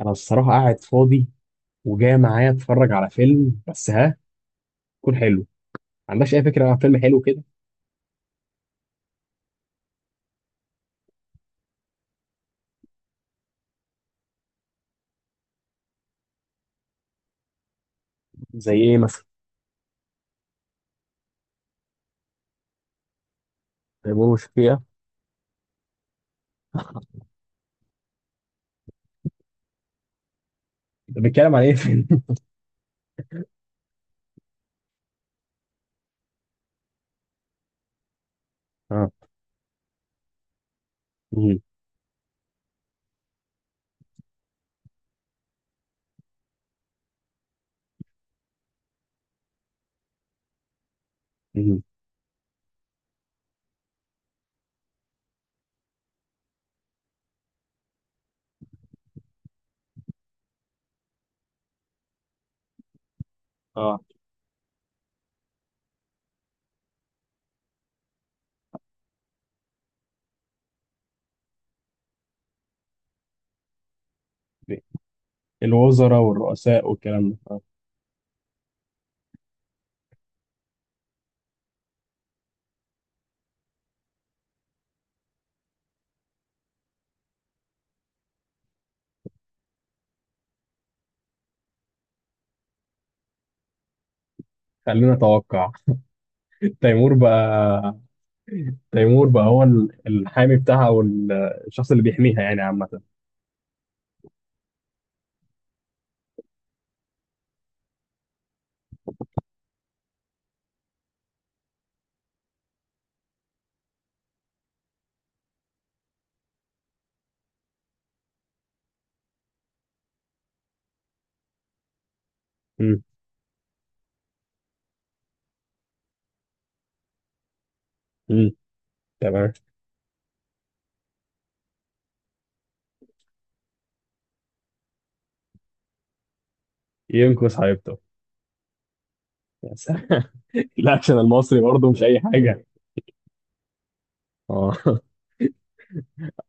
انا الصراحه قاعد فاضي، وجاي معايا اتفرج على فيلم بس ها يكون حلو. ما عندكش اي فكره عن فيلم حلو كده؟ زي ايه مثلا؟ زي بول وشفيقة. ده بيتكلم عن ايه فيلم؟ اه. مهم. مهم. اه، الوزراء والرؤساء والكلام ده اه. خلينا نتوقع. تيمور بقى تيمور بقى هو الحامي بتاعها، او الشخص اللي بيحميها يعني عامه. مم. مم. تمام. ينقذ حبيبته. يا سلام! الاكشن المصري برضه مش اي حاجه. اه.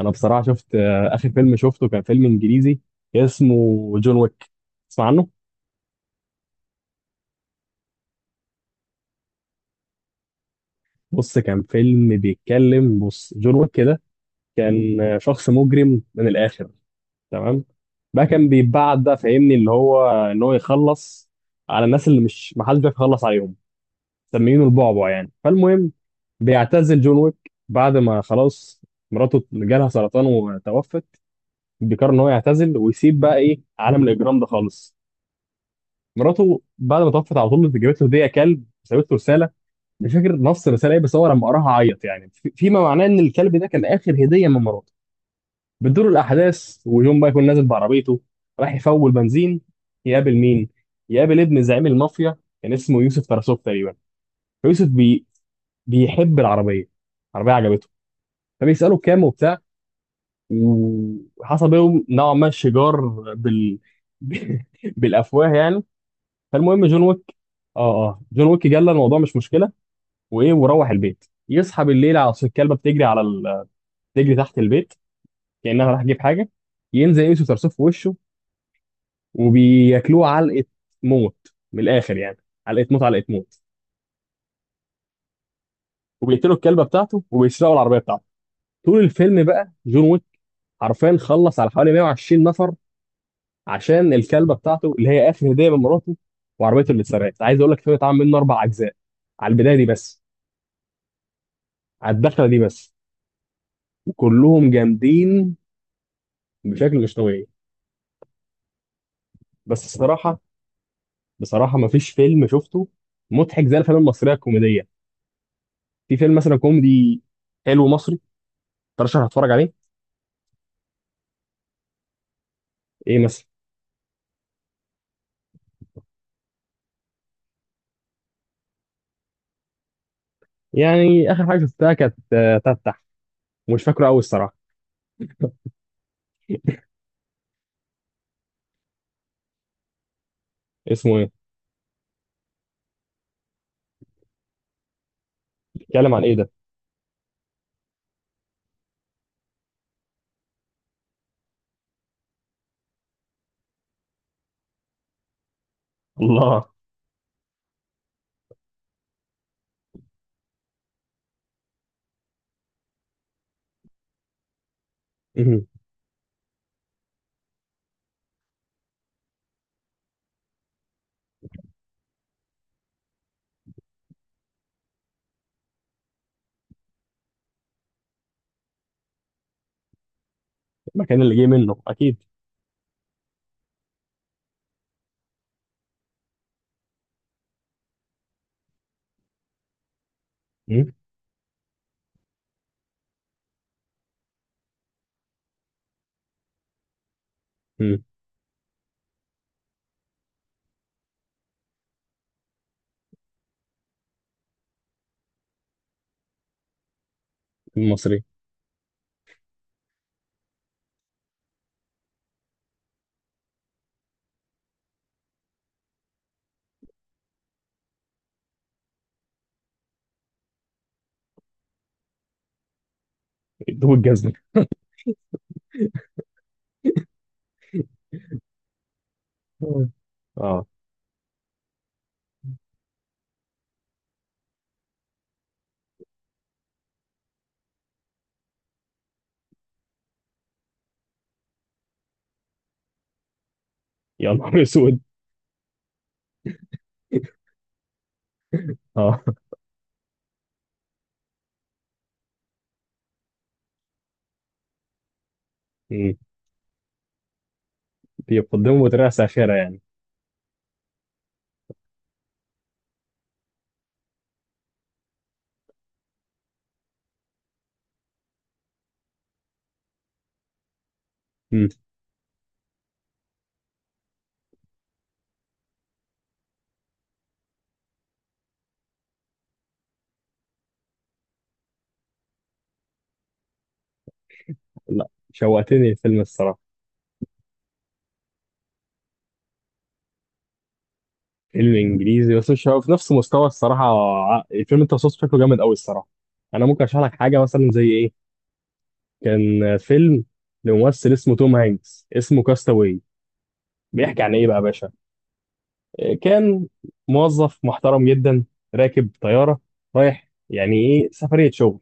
انا بصراحه شفت، اخر فيلم شفته كان فيلم انجليزي اسمه جون ويك. تسمع عنه؟ بص، كان فيلم بيتكلم. بص، جون ويك كده كان شخص مجرم من الاخر. تمام. بقى كان بيتبعت، بقى فاهمني اللي هو ان هو يخلص على الناس اللي مش، ما حدش بيعرف يخلص عليهم. مسميينه البعبع يعني. فالمهم، بيعتزل جون ويك بعد ما خلاص مراته جالها سرطان وتوفت. بيقرر ان هو يعتزل ويسيب بقى ايه عالم الاجرام ده خالص. مراته بعد ما توفت على طول جابت له هديه كلب وسابت له رساله. مش فاكر نص الرساله ايه، بس هو لما قراها عيط يعني فيما معناه ان الكلب ده كان اخر هديه من مراته. بتدور الاحداث، ويوم بقى يكون نازل بعربيته راح يفول بنزين. يقابل مين؟ يقابل ابن زعيم المافيا، كان اسمه يوسف تراسوف تقريبا. فيوسف بيحب العربيه. العربيه عجبته، فبيساله كام وبتاع. وحصل بينهم نوعا ما شجار بال... بالافواه يعني. فالمهم جون ويك. اه اه جون ويك جلى الموضوع، مش مشكله. وايه، وروح البيت يصحى بالليل على صوت الكلبه بتجري على بتجري تحت البيت. كانها راح تجيب حاجه. ينزل يوسف صرصوف في وشه وبياكلوه علقه موت، من الاخر يعني، علقه موت علقه موت. وبيقتلوا الكلبه بتاعته وبيسرقوا العربيه بتاعته. طول الفيلم بقى جون ويك حرفيا خلص على حوالي 120 نفر، عشان الكلبه بتاعته اللي هي اخر هديه من مراته، وعربيته اللي اتسرقت. عايز اقول لك الفيلم اتعمل منه اربع اجزاء على البدايه دي بس، على الدخله دي بس. كلهم جامدين بشكل مش طبيعي. بس الصراحه، بصراحه ما فيش فيلم شفته مضحك زي الافلام المصريه الكوميديه. في فيلم مثلا كوميدي حلو مصري ترشح هتفرج عليه؟ ايه مثلا؟ يعني اخر حاجه شفتها كانت، تفتح، مش فاكره قوي الصراحه. اسمه ايه؟ بيتكلم عن ايه ده؟ الله. مم. المكان اللي جه منه اكيد. مم. مم. المصري دوب الجزمه. مم. اه. يا نهار اسود. اه. مم. بيقدمه بطريقه ساخره يعني. مم. لا، شوقتني الفيلم الصراحه. فيلم انجليزي، بس مش هو في نفس مستوى الصراحه. الفيلم انت وصفته شكله جامد قوي الصراحه. انا ممكن اشرح لك حاجه مثلا زي ايه. كان فيلم لممثل اسمه توم هانكس، اسمه كاستاوي. بيحكي عن ايه بقى يا باشا. كان موظف محترم جدا، راكب طياره، رايح يعني ايه سفريه شغل.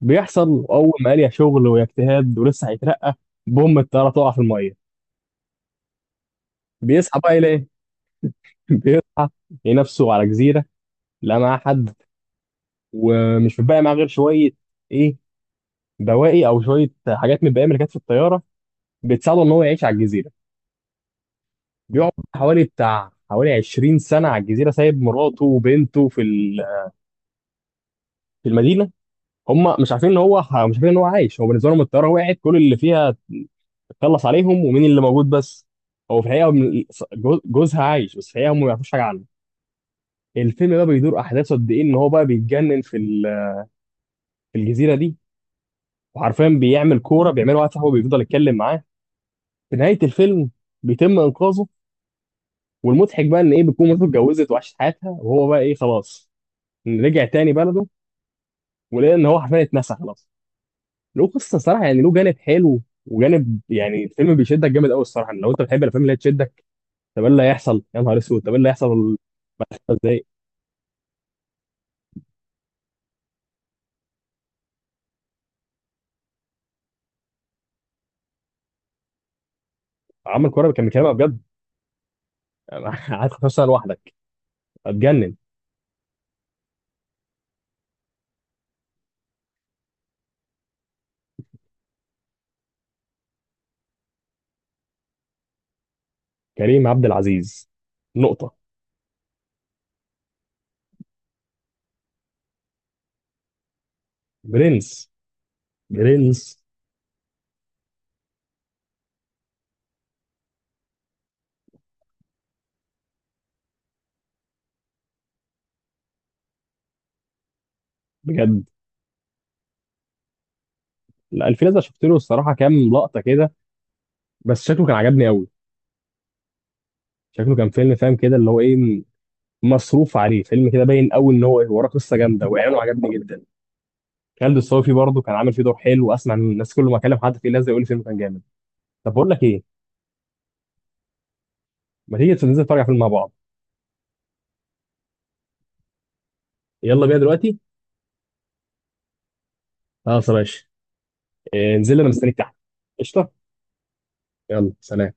بيحصل اول ما قال يا شغل ويا اجتهاد ولسه هيترقى، بوم، الطياره تقع في الميه. بيصحى بقى يلاقي. بيصحى، يلاقي نفسه على جزيره. لا معاه حد، ومش بقى معاه غير شويه ايه، بواقي او شويه حاجات من البقايا اللي كانت في الطياره، بتساعده ان هو يعيش على الجزيره. بيقعد حوالي 20 سنه على الجزيره، سايب مراته وبنته في المدينه. هم مش عارفين ان هو مش عارفين ان هو عايش. هو بالنسبه لهم الطياره وقعت، كل اللي فيها خلص عليهم ومين اللي موجود بس. هو في الحقيقه جوزها عايش، بس في الحقيقه هم ما يعرفوش حاجه عنه. الفيلم بقى بيدور احداثه قد ايه ان هو بقى بيتجنن في الجزيره دي. وحرفيا بيعمل كوره، بيعمل واحد صاحبه بيفضل يتكلم معاه. في نهايه الفيلم بيتم انقاذه. والمضحك بقى ان ايه، بتكون مراته اتجوزت وعاشت حياتها، وهو بقى ايه خلاص، رجع تاني بلده، ولقى ان هو حرفيا اتنسى خلاص. له قصه صراحه، يعني له جانب حلو وجانب يعني، الفيلم بيشدك جامد قوي الصراحه لو انت بتحب الافلام اللي هي تشدك. طب ايه اللي هيحصل، يا نهار اسود، طب ايه اللي هيحصل! ازاي؟ عمل كوره كان بيكلمها بجد؟ قعدت 15 سنه لوحدك، اتجنن. كريم عبد العزيز، نقطه. برنس. برنس، بجد. لا، الفيلم ده شفت له الصراحه كام لقطه كده، بس شكله كان عجبني قوي. شكله كان فيلم فاهم كده اللي هو ايه، مصروف عليه، فيلم كده باين قوي ان هو وراه قصه جامده، واعلانه عجبني جدا. خالد الصوفي برضه كان عامل فيه دور حلو. اسمع ان الناس كل ما اكلم حد فيه لازم يقول لي فيلم كان جامد. طب بقول لك ايه، ما تيجي ننزل نتفرج على فيلم مع بعض؟ يلا بينا دلوقتي. خلاص يا باشا. انزل انا مستنيك تحت. قشطه. يلا سلام.